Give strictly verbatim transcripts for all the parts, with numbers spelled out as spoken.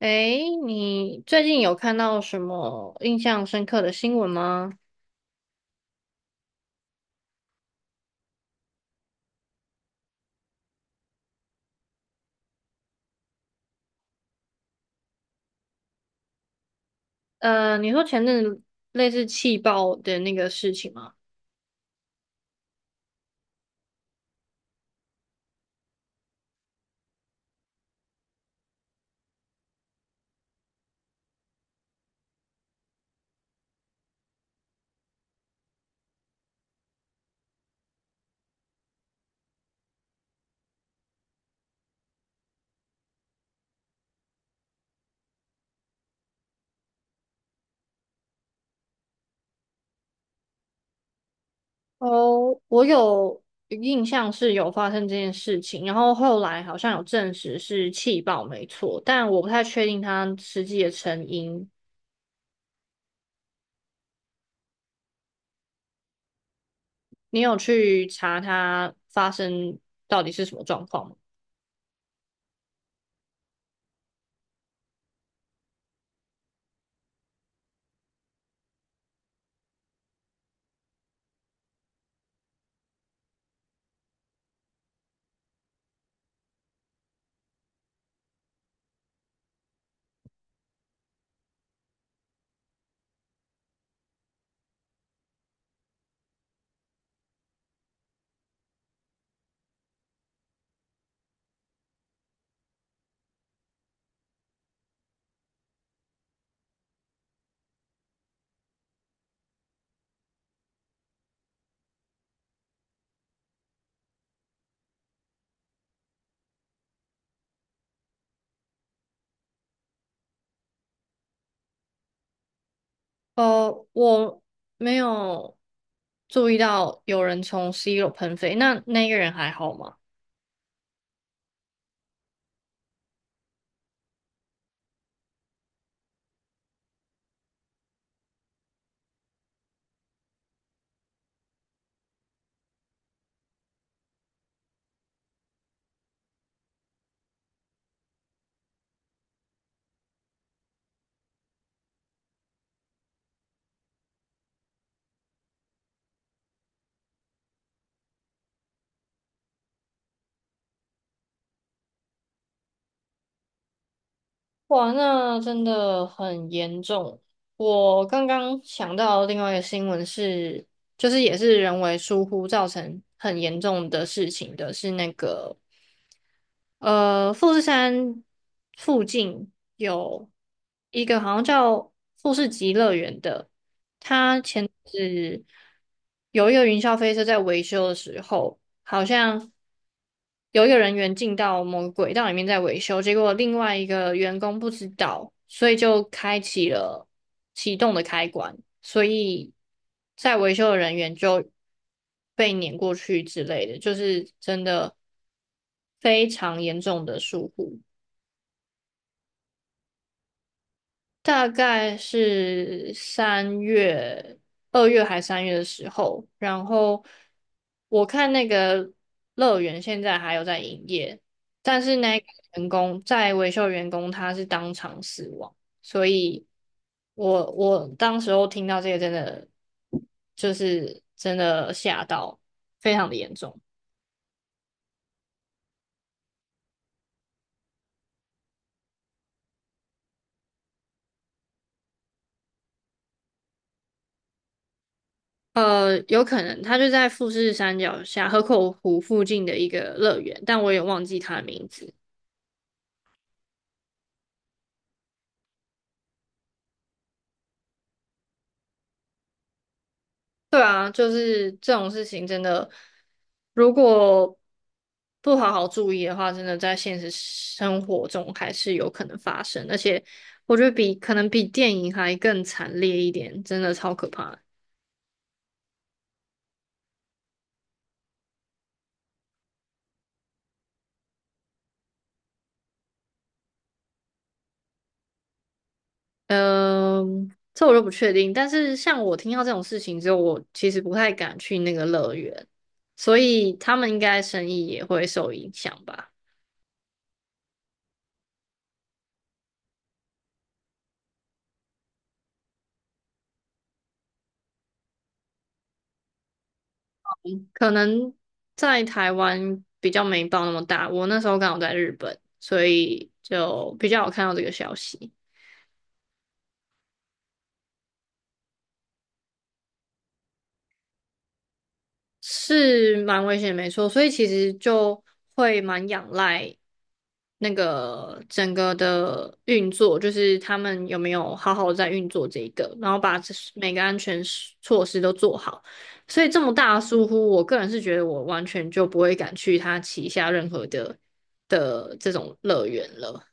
诶，你最近有看到什么印象深刻的新闻吗？呃，你说前阵子类似气爆的那个事情吗？哦，我有印象是有发生这件事情，然后后来好像有证实是气爆没错，但我不太确定它实际的成因。你有去查它发生到底是什么状况吗？呃，我没有注意到有人从 C 楼喷飞，那那个人还好吗？哇，那真的很严重。我刚刚想到另外一个新闻是，就是也是人为疏忽造成很严重的事情的，是那个呃富士山附近有一个好像叫富士急乐园的。是有一个云霄飞车在维修的时候，好像有一个人员进到某个轨道里面在维修，结果另外一个员工不知道，所以就开启了启动的开关，所以在维修的人员就被碾过去之类的，就是真的非常严重的疏忽。大概是三月、二月还三月的时候，然后我看那个乐园现在还有在营业，但是那个员工在维修员工他是当场死亡，所以我我当时候听到这个真的就是真的吓到，非常的严重。呃，有可能他就在富士山脚下河口湖附近的一个乐园，但我也忘记他的名字。对啊，就是这种事情真的，如果不好好注意的话，真的在现实生活中还是有可能发生，而且我觉得比可能比电影还更惨烈一点，真的超可怕的。嗯、这我就不确定，但是像我听到这种事情之后，我其实不太敢去那个乐园，所以他们应该生意也会受影响吧。可能在台湾比较没报那么大，我那时候刚好在日本，所以就比较有看到这个消息，是蛮危险，没错。所以其实就会蛮仰赖那个整个的运作，就是他们有没有好好在运作这一个，然后把这每个安全措施都做好。所以这么大的疏忽，我个人是觉得我完全就不会敢去他旗下任何的的这种乐园了。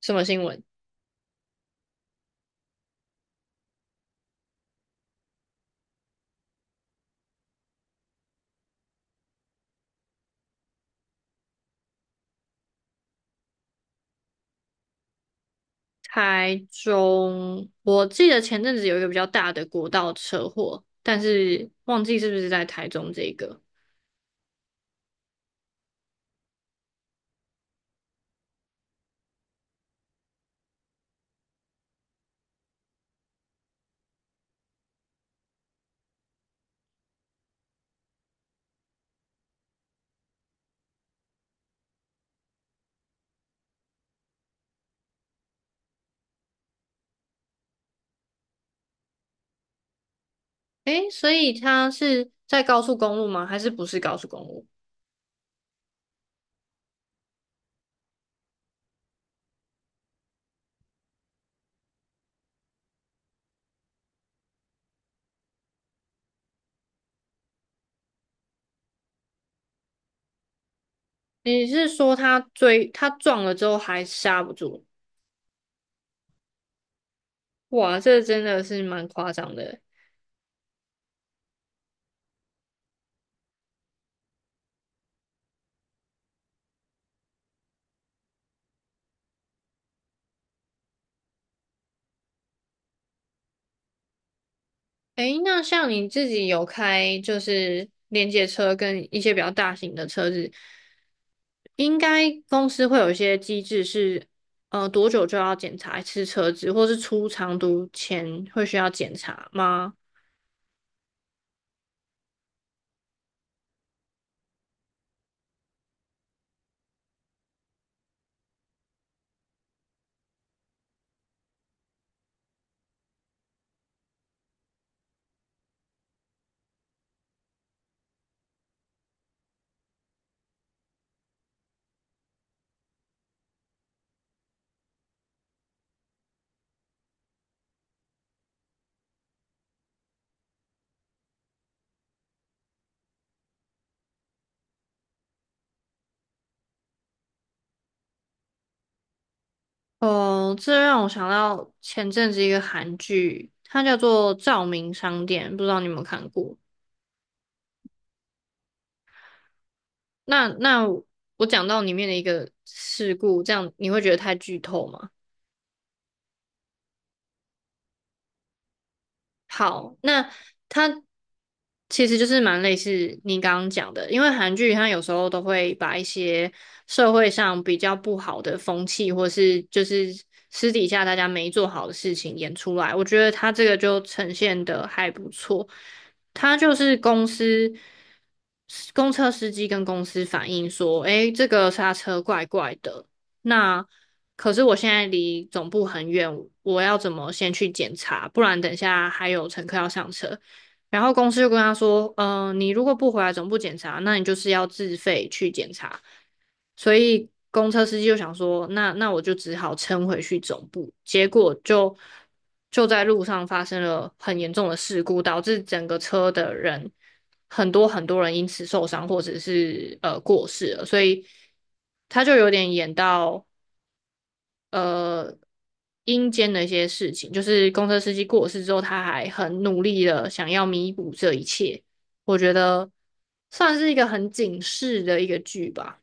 什么新闻？台中，我记得前阵子有一个比较大的国道车祸，但是忘记是不是在台中这个。诶，所以他是在高速公路吗？还是不是高速公路？你是说他追，他撞了之后还刹不住？哇，这真的是蛮夸张的。诶，那像你自己有开就是连接车跟一些比较大型的车子，应该公司会有一些机制是，呃，多久就要检查一次车子，或是出长途前会需要检查吗？哦，这让我想到前阵子一个韩剧，它叫做《照明商店》，不知道你有没有看过？那那我讲到里面的一个事故，这样你会觉得太剧透吗？好，那它其实就是蛮类似你刚刚讲的，因为韩剧它有时候都会把一些社会上比较不好的风气，或是就是私底下大家没做好的事情演出来，我觉得它这个就呈现的还不错。他就是公司公车司机跟公司反映说，诶，这个刹车怪怪的。那可是我现在离总部很远，我要怎么先去检查？不然等一下还有乘客要上车。然后公司就跟他说，嗯、呃你如果不回来总部检查，那你就是要自费去检查。所以公车司机就想说，那那我就只好撑回去总部。结果就就在路上发生了很严重的事故，导致整个车的人很多很多人因此受伤或者是呃过世了。所以他就有点演到呃阴间的一些事情，就是公车司机过世之后，他还很努力的想要弥补这一切。我觉得算是一个很警示的一个剧吧。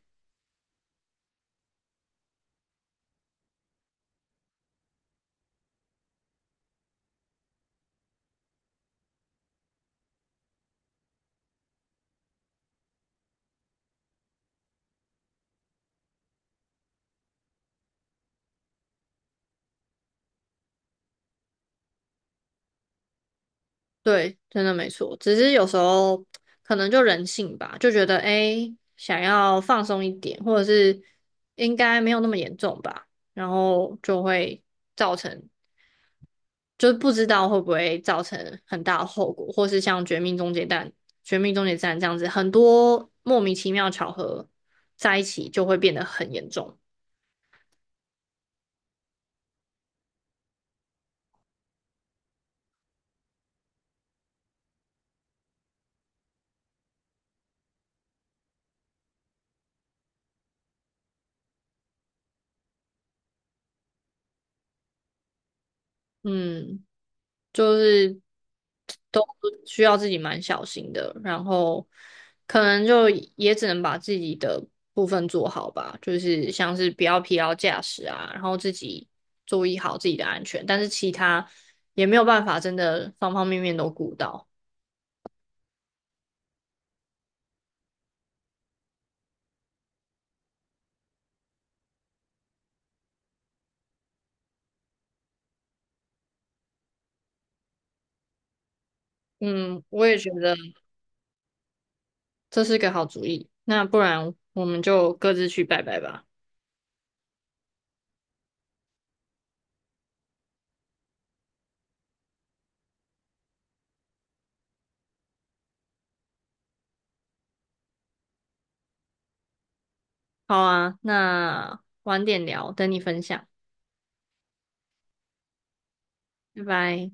对，真的没错。只是有时候可能就人性吧，就觉得哎诶想要放松一点，或者是应该没有那么严重吧，然后就会造成就是不知道会不会造成很大的后果，或是像《绝命终结战》《绝命终结战》这样子，很多莫名其妙巧合在一起就会变得很严重。嗯，就是都需要自己蛮小心的，然后可能就也只能把自己的部分做好吧，就是像是不要疲劳驾驶啊，然后自己注意好自己的安全，但是其他也没有办法真的方方面面都顾到。嗯，我也觉得。这是个好主意。那不然我们就各自去拜拜吧。好啊，那晚点聊，等你分享，拜拜。